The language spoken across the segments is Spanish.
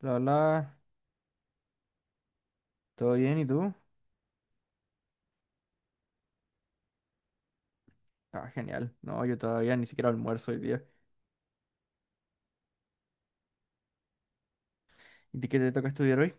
Hola, hola, ¿todo bien? ¿Y tú? Ah, genial. No, yo todavía ni siquiera almuerzo hoy día. ¿Y ti qué te toca estudiar hoy?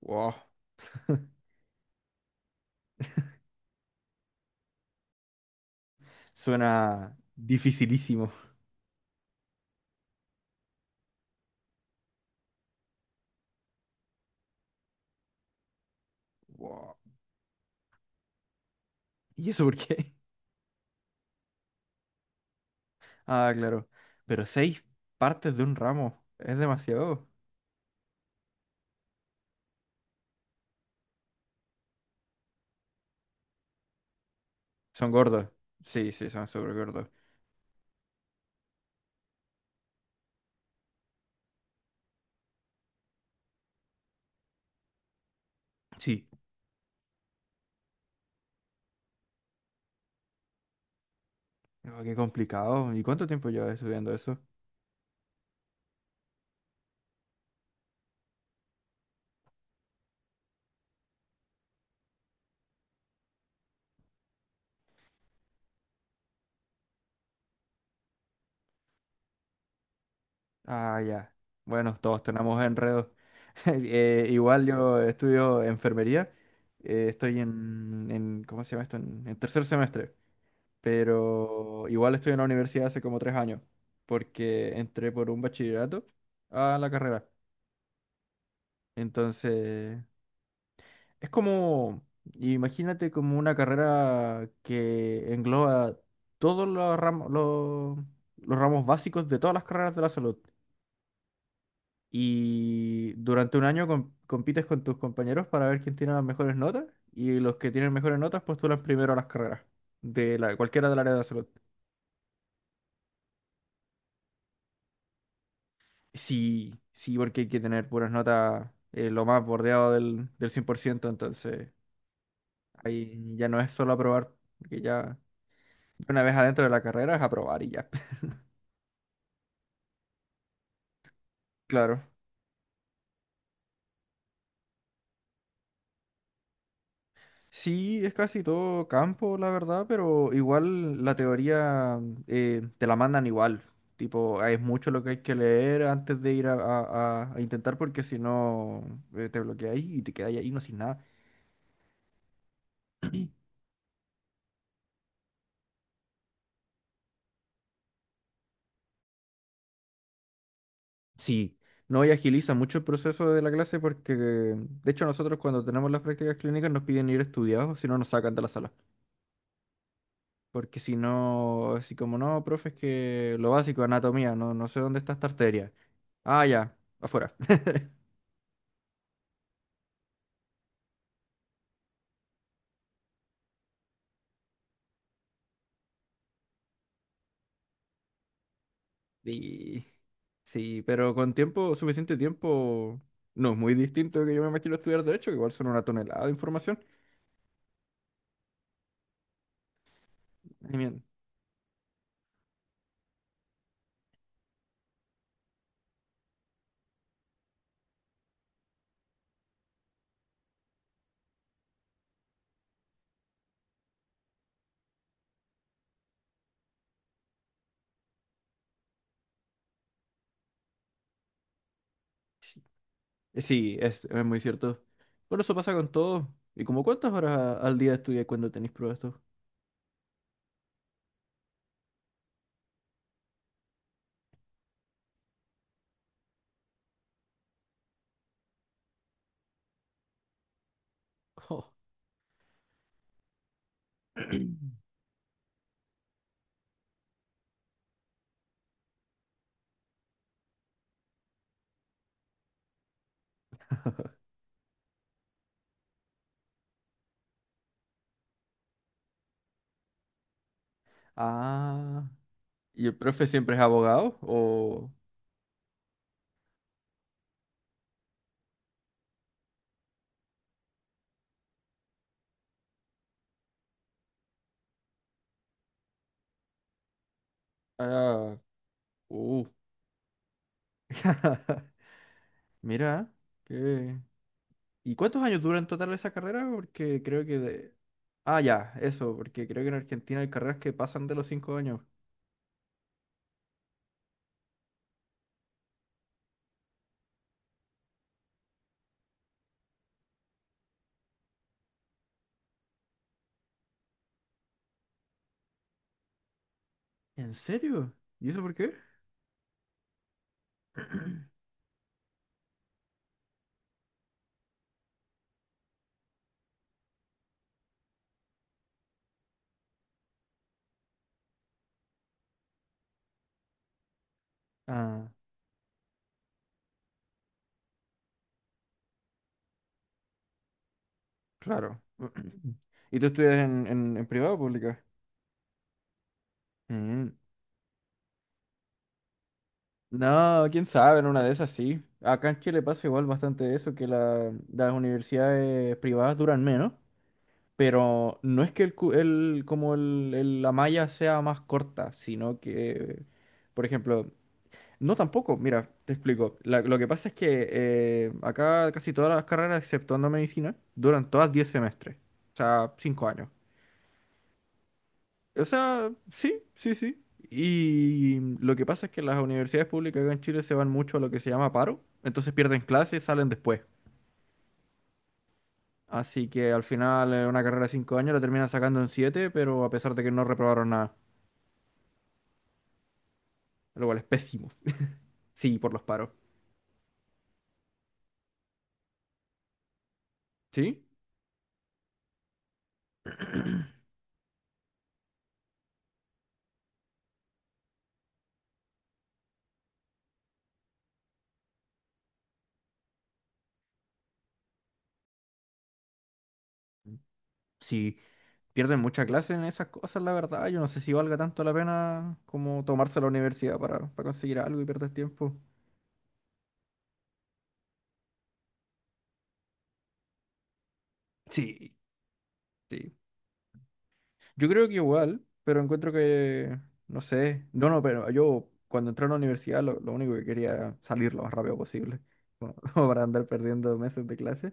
Wow. Suena dificilísimo. Wow. ¿Y eso por qué? Ah, claro. Pero seis partes de un ramo. Es demasiado. Son gordos. Sí, sí, son súper gordos. Sí. No, qué complicado. ¿Y cuánto tiempo llevas estudiando eso? Ah, ya. Bueno, todos tenemos enredos. Igual yo estudio enfermería. Estoy ¿cómo se llama esto? En tercer semestre. Pero igual estoy en la universidad hace como 3 años. Porque entré por un bachillerato a la carrera. Entonces, es como, imagínate como una carrera que engloba todos los ramos, los ramos básicos de todas las carreras de la salud. Y durante un año compites con tus compañeros para ver quién tiene las mejores notas. Y los que tienen mejores notas postulan primero a las carreras de cualquiera del área de la salud. Sí, sí, porque hay que tener puras notas lo más bordeado del 100%. Entonces, ahí ya no es solo aprobar, porque ya una vez adentro de la carrera es aprobar y ya. Claro. Sí, es casi todo campo, la verdad, pero igual la teoría te la mandan igual. Tipo, es mucho lo que hay que leer antes de ir a intentar porque si no te bloqueáis y te quedáis ahí no sin nada. Sí, no, y agiliza mucho el proceso de la clase porque, de hecho, nosotros cuando tenemos las prácticas clínicas nos piden ir estudiados, si no nos sacan de la sala. Porque si no, así como no, profe, es que lo básico, anatomía, no sé dónde está esta arteria. Ah, ya, afuera. Sí, sí, pero con tiempo, suficiente tiempo, no es muy distinto de que yo me imagino estudiar derecho, que igual son una tonelada de información. I mean, sí, sí, es muy cierto. Bueno, eso pasa con todo. ¿Y como cuántas horas al día estudias cuando tenéis pruebas tú? Jo. Ah, ¿y el profe siempre es abogado? O... Ah, uh. Mira, qué, ¿y cuántos años dura en total esa carrera? Porque creo que de... Ah, ya, eso, porque creo que en Argentina hay carreras que pasan de los 5 años. ¿En serio? ¿Y eso por qué? Ah, claro. ¿Y tú estudias en privado o pública? Mm. No, quién sabe, en una de esas sí. Acá en Chile pasa igual bastante eso, que las universidades privadas duran menos, pero no es que el, cu- el- como el- la malla sea más corta, sino que, por ejemplo, no, tampoco. Mira, te explico. Lo que pasa es que acá casi todas las carreras, exceptuando medicina, duran todas 10 semestres. O sea, 5 años. O sea, sí, sí, sí. Y lo que pasa es que las universidades públicas acá en Chile se van mucho a lo que se llama paro. Entonces pierden clases, salen después. Así que al final una carrera de 5 años la terminan sacando en 7, pero a pesar de que no reprobaron nada. Lo cual es pésimo. Sí, por los paros. ¿Sí? Sí. Pierden mucha clase en esas cosas, la verdad. Yo no sé si valga tanto la pena como tomarse la universidad para conseguir algo y perder tiempo. Sí. Sí. Yo creo que igual, pero encuentro que, no sé, no, no, pero yo cuando entré a la universidad lo único que quería era salir lo más rápido posible, como como para andar perdiendo meses de clase.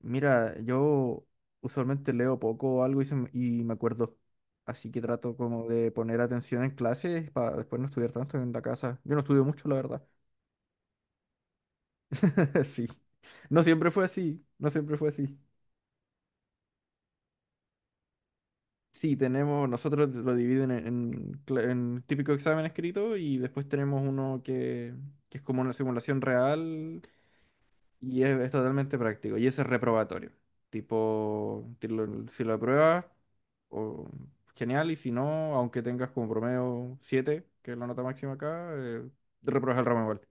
Mira, yo usualmente leo poco o algo y, y me acuerdo, así que trato como de poner atención en clases para después no estudiar tanto en la casa. Yo no estudio mucho, la verdad. Sí. No siempre fue así, no siempre fue así. Sí, tenemos, nosotros lo dividen en típico examen escrito y después tenemos uno que es como una simulación real y es totalmente práctico y ese es reprobatorio. Tipo, si lo apruebas, o- genial y si no, aunque tengas como promedio 7, que es la nota máxima acá, repruebas el ramo igual.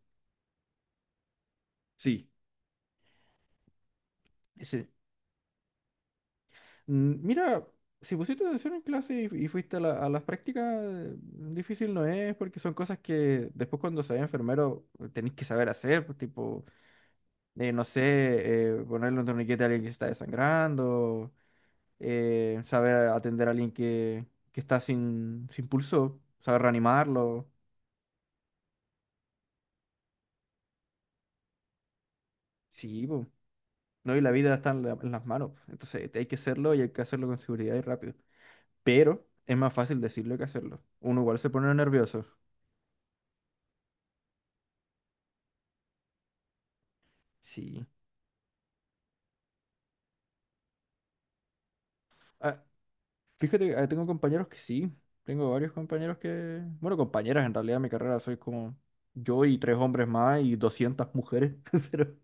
Sí. Mira, si pusiste atención en clase y fuiste a las prácticas, difícil no es, porque son cosas que después cuando seas enfermero tenés que saber hacer, pues, tipo, no sé, ponerle un torniquete a alguien que se está desangrando, saber atender a alguien que está sin pulso, saber reanimarlo, sí, po, ¿no? Y la vida está en las manos, po. Entonces hay que hacerlo y hay que hacerlo con seguridad y rápido, pero es más fácil decirlo que hacerlo, uno igual se pone nervioso, sí. Ah, fíjate, que, tengo compañeros que sí, tengo varios compañeros que, bueno, compañeras en realidad, mi carrera soy como yo y tres hombres más y 200 mujeres, pero...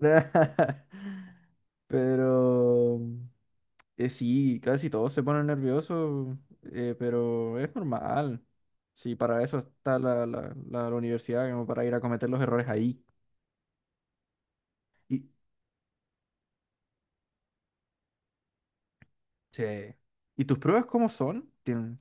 Pero sí, casi todos se ponen nerviosos, pero es normal. Sí, para eso está la universidad, como para ir a cometer los errores ahí. Y, sí. ¿Y tus pruebas cómo son?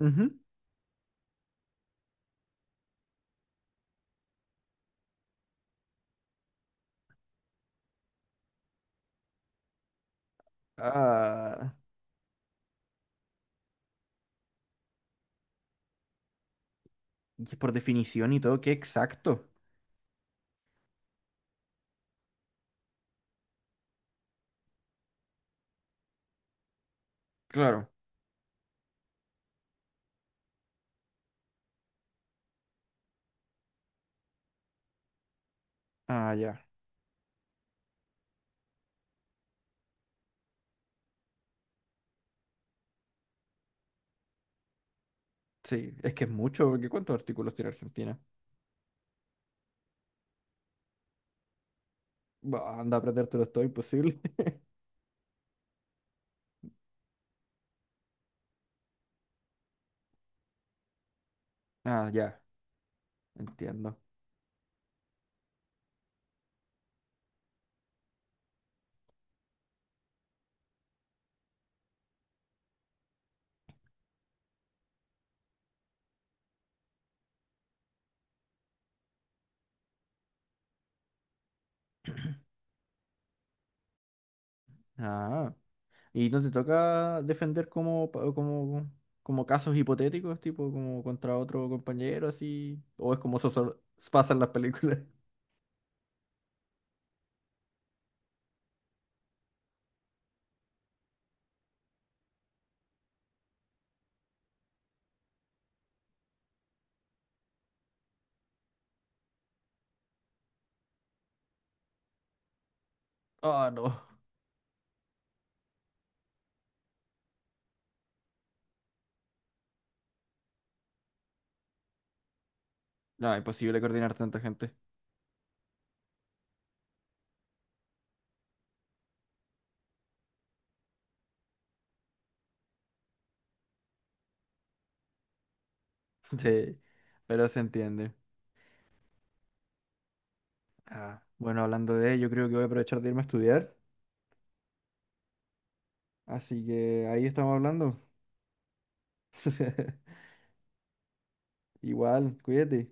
Ujú. Ah, y por definición y todo, qué exacto. Claro. Ah, ya. Sí, es que es mucho, porque ¿cuántos artículos tiene Argentina? Bah, anda a aprendértelo, todo imposible. Ah, ya, entiendo. Ah, ¿y no te toca defender como casos hipotéticos, tipo como contra otro compañero, así? ¿O es como eso solo pasa en las películas? Ah, no. No, imposible coordinar tanta gente. Sí, pero se entiende. Ah, bueno, hablando de ello, creo que voy a aprovechar de irme a estudiar. Así que ahí estamos hablando. Igual, cuídate.